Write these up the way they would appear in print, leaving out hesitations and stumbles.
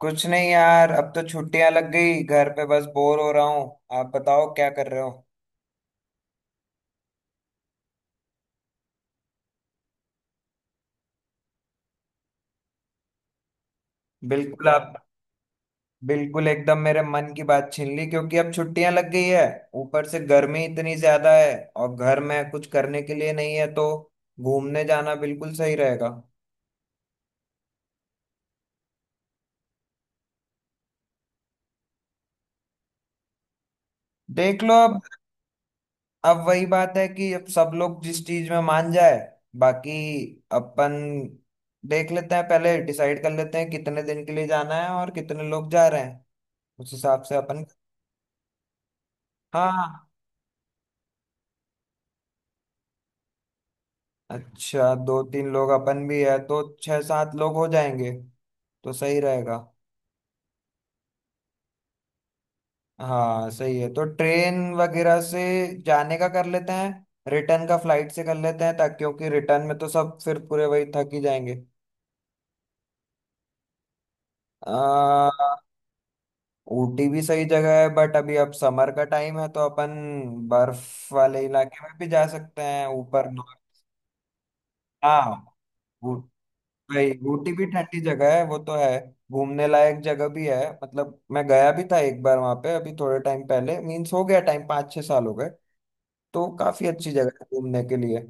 कुछ नहीं यार। अब तो छुट्टियां लग गई, घर पे बस बोर हो रहा हूँ। आप बताओ क्या कर रहे हो। बिल्कुल आप बिल्कुल एकदम मेरे मन की बात छीन ली, क्योंकि अब छुट्टियां लग गई है। ऊपर से गर्मी इतनी ज्यादा है और घर में कुछ करने के लिए नहीं है, तो घूमने जाना बिल्कुल सही रहेगा। देख लो अब। अब वही बात है कि अब सब लोग जिस चीज में मान जाए, बाकी अपन देख लेते हैं। पहले डिसाइड कर लेते हैं कितने दिन के लिए जाना है और कितने लोग जा रहे हैं, उस हिसाब से अपन। हाँ, अच्छा दो तीन लोग अपन भी है, तो छह सात लोग हो जाएंगे, तो सही रहेगा। हाँ सही है, तो ट्रेन वगैरह से जाने का कर लेते हैं। रिटर्न का फ्लाइट से कर लेते हैं, ताकि क्योंकि रिटर्न में तो सब फिर पूरे वही थक ही जाएंगे। आ, ऊटी भी सही जगह है, बट अभी अब समर का टाइम है, तो अपन बर्फ वाले इलाके में भी जा सकते हैं, ऊपर नॉर्थ। हाँ भाई, ऊटी भी ठंडी जगह है, वो तो है। घूमने लायक जगह भी है, मतलब मैं गया भी था एक बार वहां पे अभी थोड़े टाइम पहले, मीन्स हो गया टाइम, 5-6 साल हो गए। तो काफी अच्छी जगह है घूमने के लिए।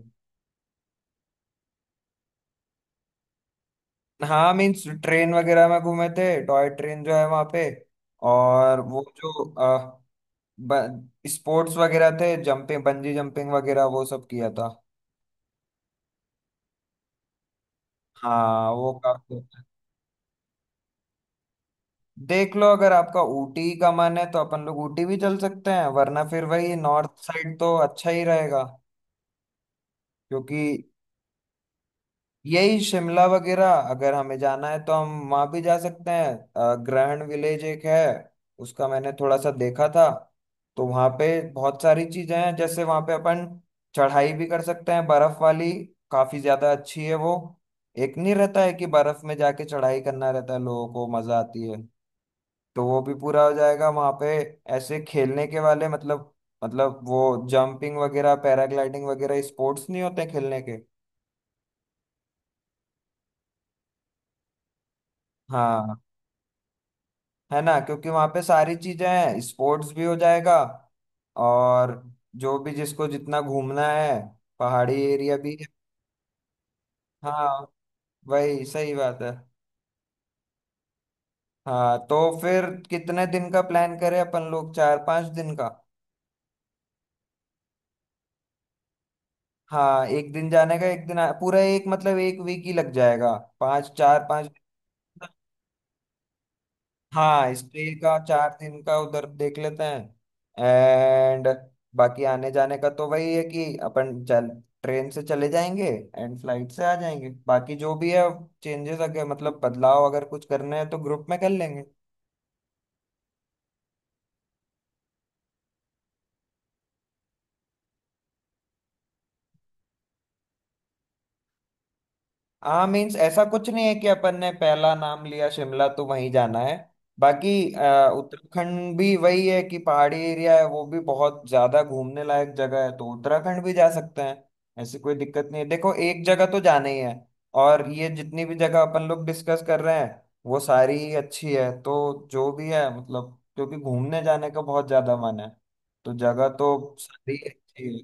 हाँ मीन्स ट्रेन वगैरह में घूमे थे, टॉय ट्रेन जो है वहां पे। और वो जो ब, स्पोर्ट्स वगैरह थे, जंपिंग बंजी जंपिंग वगैरह, वो सब किया था। हाँ वो काफी। देख लो, अगर आपका ऊटी का मन है तो अपन लोग ऊटी भी चल सकते हैं, वरना फिर वही नॉर्थ साइड तो अच्छा ही रहेगा। क्योंकि यही शिमला वगैरह अगर हमें जाना है तो हम वहां भी जा सकते हैं। ग्रहण विलेज एक है, उसका मैंने थोड़ा सा देखा था। तो वहां पे बहुत सारी चीजें हैं, जैसे वहां पे अपन चढ़ाई भी कर सकते हैं, बर्फ वाली। काफी ज्यादा अच्छी है वो। एक नहीं रहता है कि बर्फ में जाके चढ़ाई करना रहता है, लोगों को मजा आती है, तो वो भी पूरा हो जाएगा वहां पे। ऐसे खेलने के वाले मतलब वो जंपिंग वगैरह पैराग्लाइडिंग वगैरह स्पोर्ट्स नहीं होते खेलने के। हाँ। है ना, क्योंकि वहां पे सारी चीजें हैं, स्पोर्ट्स भी हो जाएगा। और जो भी जिसको जितना घूमना है, पहाड़ी एरिया भी है। हाँ वही सही बात है। हाँ, तो फिर कितने दिन का प्लान करें अपन लोग, 4-5 दिन का। हाँ एक दिन जाने का, एक दिन पूरा एक मतलब एक वीक ही लग जाएगा, पाँच, चार पाँच। हाँ स्टे का 4 दिन का उधर देख लेते हैं, एंड बाकी आने जाने का तो वही है कि अपन चल ट्रेन से चले जाएंगे, एंड फ्लाइट से आ जाएंगे। बाकी जो भी है चेंजेस, अगर मतलब बदलाव अगर कुछ करने हैं तो ग्रुप में कर लेंगे। हाँ मीन्स ऐसा कुछ नहीं है कि अपन ने पहला नाम लिया शिमला तो वहीं जाना है। बाकी उत्तराखंड भी वही है कि पहाड़ी एरिया है, वो भी बहुत ज्यादा घूमने लायक जगह है, तो उत्तराखंड भी जा सकते हैं। ऐसी कोई दिक्कत नहीं है। देखो, एक जगह तो जाना ही है और ये जितनी भी जगह अपन लोग डिस्कस कर रहे हैं वो सारी ही अच्छी है, तो जो भी है मतलब, क्योंकि घूमने जाने का बहुत ज्यादा मन है, तो जगह तो सारी अच्छी है।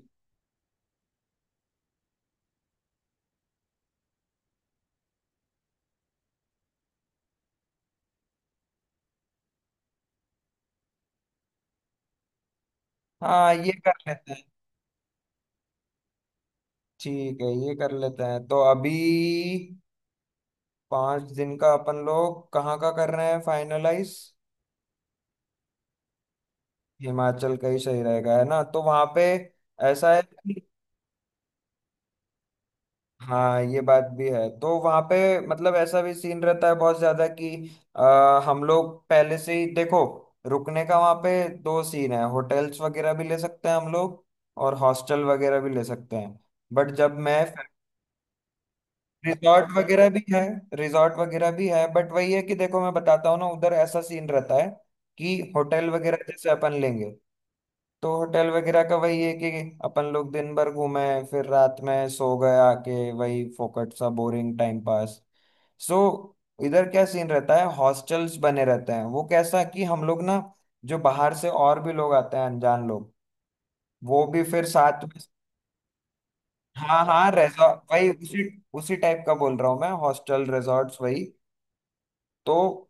हाँ ये कर लेते हैं। ठीक है, ये कर लेते हैं, तो अभी 5 दिन का अपन लोग कहाँ का कर रहे हैं फाइनलाइज। हिमाचल का ही सही रहेगा है ना। तो वहां पे ऐसा है कि हाँ ये बात भी है, तो वहां पे मतलब ऐसा भी सीन रहता है बहुत ज्यादा कि हम लोग पहले से ही देखो रुकने का वहां पे दो सीन है, होटल्स वगैरह भी ले सकते हैं हम लोग, और हॉस्टल वगैरह भी ले सकते हैं। बट जब मैं रिजॉर्ट वगैरह भी है, रिजॉर्ट वगैरह भी है, बट वही है कि देखो मैं बताता हूँ ना, उधर ऐसा सीन रहता है कि होटल वगैरह जैसे अपन लेंगे तो होटल वगैरह का वही है कि अपन लोग दिन भर घूमे, फिर रात में सो गए आके वही फोकट सा बोरिंग टाइम पास, सो इधर क्या सीन रहता है, हॉस्टल्स बने रहते हैं, वो कैसा कि हम लोग ना, जो बाहर से और भी लोग आते हैं अनजान लोग, वो भी फिर साथ में। हाँ हाँ, रेजॉर्ट वही, उसी उसी टाइप का बोल रहा हूँ मैं, हॉस्टल रिजॉर्ट्स वही, तो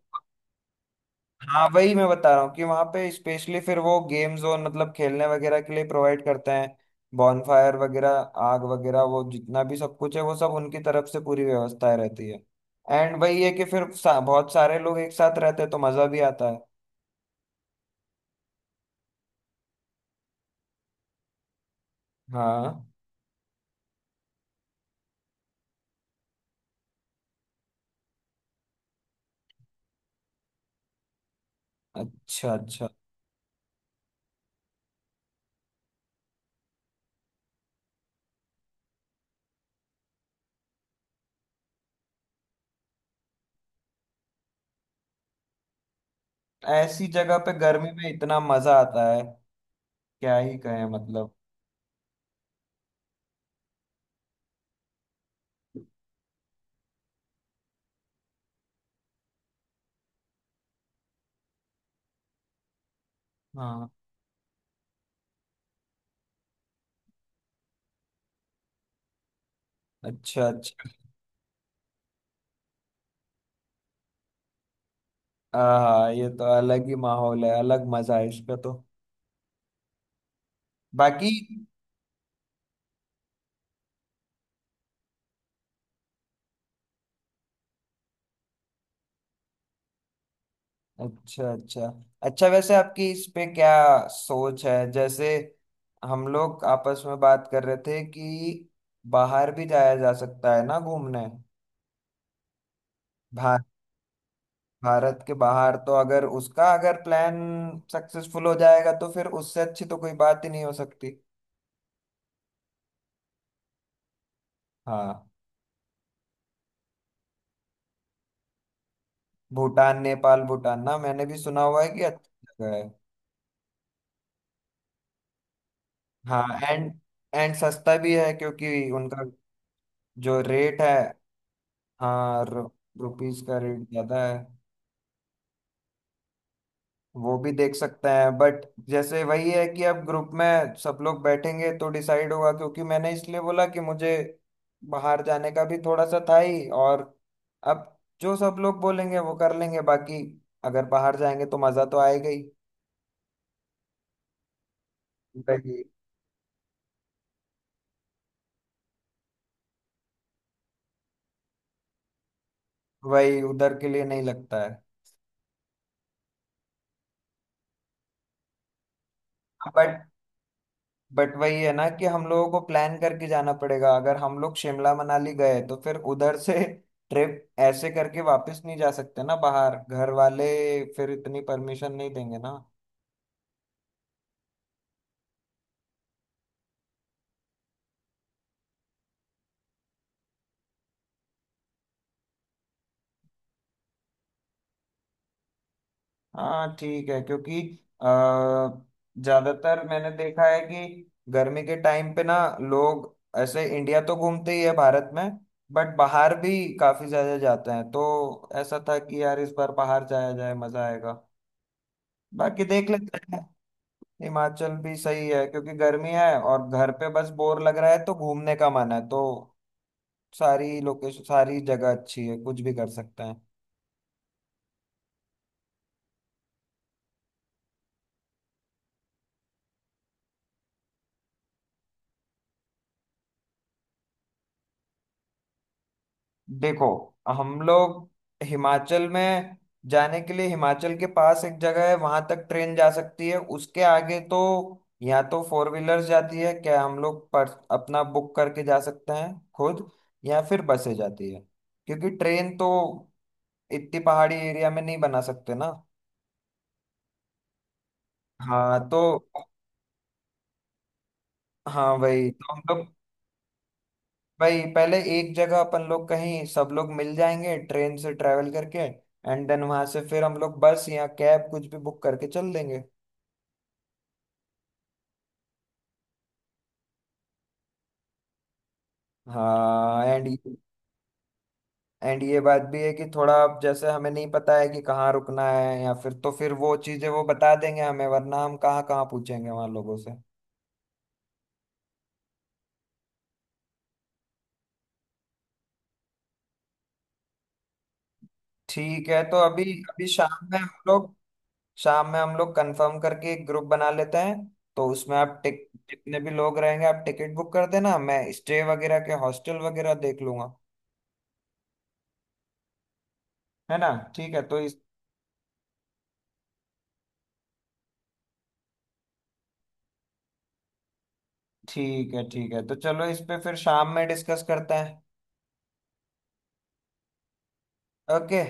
हाँ वही मैं बता रहा हूँ कि वहां पे स्पेशली फिर वो गेम जोन मतलब खेलने वगैरह के लिए प्रोवाइड करते हैं, बॉनफायर वगैरह, आग वगैरह, वो जितना भी सब कुछ है वो सब उनकी तरफ से पूरी व्यवस्थाएं रहती है। एंड वही है कि फिर बहुत सारे लोग एक साथ रहते हैं तो मजा भी आता है। हाँ। अच्छा अच्छा। ऐसी जगह पे गर्मी में इतना मजा आता है, क्या ही कहें मतलब। हाँ, अच्छा अच्छा। हाँ ये तो अलग ही माहौल है, अलग मजा है इसका तो। बाकी, अच्छा अच्छा। अच्छा वैसे आपकी इस पे क्या सोच है, जैसे हम लोग आपस में बात कर रहे थे कि बाहर भी जाया जा सकता है ना घूमने। भा, भारत के बाहर तो, अगर उसका अगर प्लान सक्सेसफुल हो जाएगा तो फिर उससे अच्छी तो कोई बात ही नहीं हो सकती। हाँ भूटान नेपाल, भूटान ना मैंने भी सुना हुआ है कि अच्छी जगह है। हाँ, एंड एंड सस्ता भी है क्योंकि उनका जो रेट है। हाँ रुपीज का रेट ज्यादा है। वो भी देख सकते हैं, बट जैसे वही है कि अब ग्रुप में सब लोग बैठेंगे तो डिसाइड होगा, क्योंकि मैंने इसलिए बोला कि मुझे बाहर जाने का भी थोड़ा सा था ही। और अब जो सब लोग बोलेंगे वो कर लेंगे, बाकी अगर बाहर जाएंगे तो मजा तो आएगा ही। वही वही उधर के लिए नहीं लगता है। बट बट वही है ना कि हम लोगों को प्लान करके जाना पड़ेगा। अगर हम लोग शिमला मनाली गए तो फिर उधर से ट्रिप ऐसे करके वापस नहीं जा सकते ना, बाहर घर वाले फिर इतनी परमिशन नहीं देंगे ना। हाँ ठीक है, क्योंकि अ, ज्यादातर मैंने देखा है कि गर्मी के टाइम पे ना लोग ऐसे इंडिया तो घूमते ही है भारत में, बट बाहर भी काफी ज्यादा जाते हैं। तो ऐसा था कि यार इस बार बाहर जाया जाए, मजा आएगा। बाकी देख लेते हैं। हिमाचल भी सही है क्योंकि गर्मी है और घर पे बस बोर लग रहा है, तो घूमने का मन है, तो सारी लोकेशन सारी जगह अच्छी है, कुछ भी कर सकते हैं। देखो हम लोग हिमाचल में जाने के लिए, हिमाचल के पास एक जगह है वहां तक ट्रेन जा सकती है। उसके आगे तो या तो फोर व्हीलर्स जाती है, क्या हम लोग पर अपना बुक करके जा सकते हैं खुद, या फिर बसें जाती है। क्योंकि ट्रेन तो इतनी पहाड़ी एरिया में नहीं बना सकते ना। हाँ तो। हाँ वही तो हम लोग। भाई पहले एक जगह अपन लोग कहीं सब लोग मिल जाएंगे ट्रेन से ट्रैवल करके, एंड देन वहां से फिर हम लोग बस या कैब कुछ भी बुक करके चल देंगे। हाँ, एंड एंड ये बात भी है कि थोड़ा अब जैसे हमें नहीं पता है कि कहाँ रुकना है, या फिर तो फिर वो चीजें वो बता देंगे हमें, वरना हम कहाँ कहाँ पूछेंगे वहां लोगों से। ठीक है तो अभी अभी शाम में हम लोग कंफर्म करके एक ग्रुप बना लेते हैं। तो उसमें आप टिक जितने भी लोग रहेंगे आप टिकट बुक कर देना, मैं स्टे वगैरह के हॉस्टल वगैरह देख लूंगा। है ना। ठीक है तो इस ठीक है ठीक है, तो चलो इस पे फिर शाम में डिस्कस करते हैं। ओके।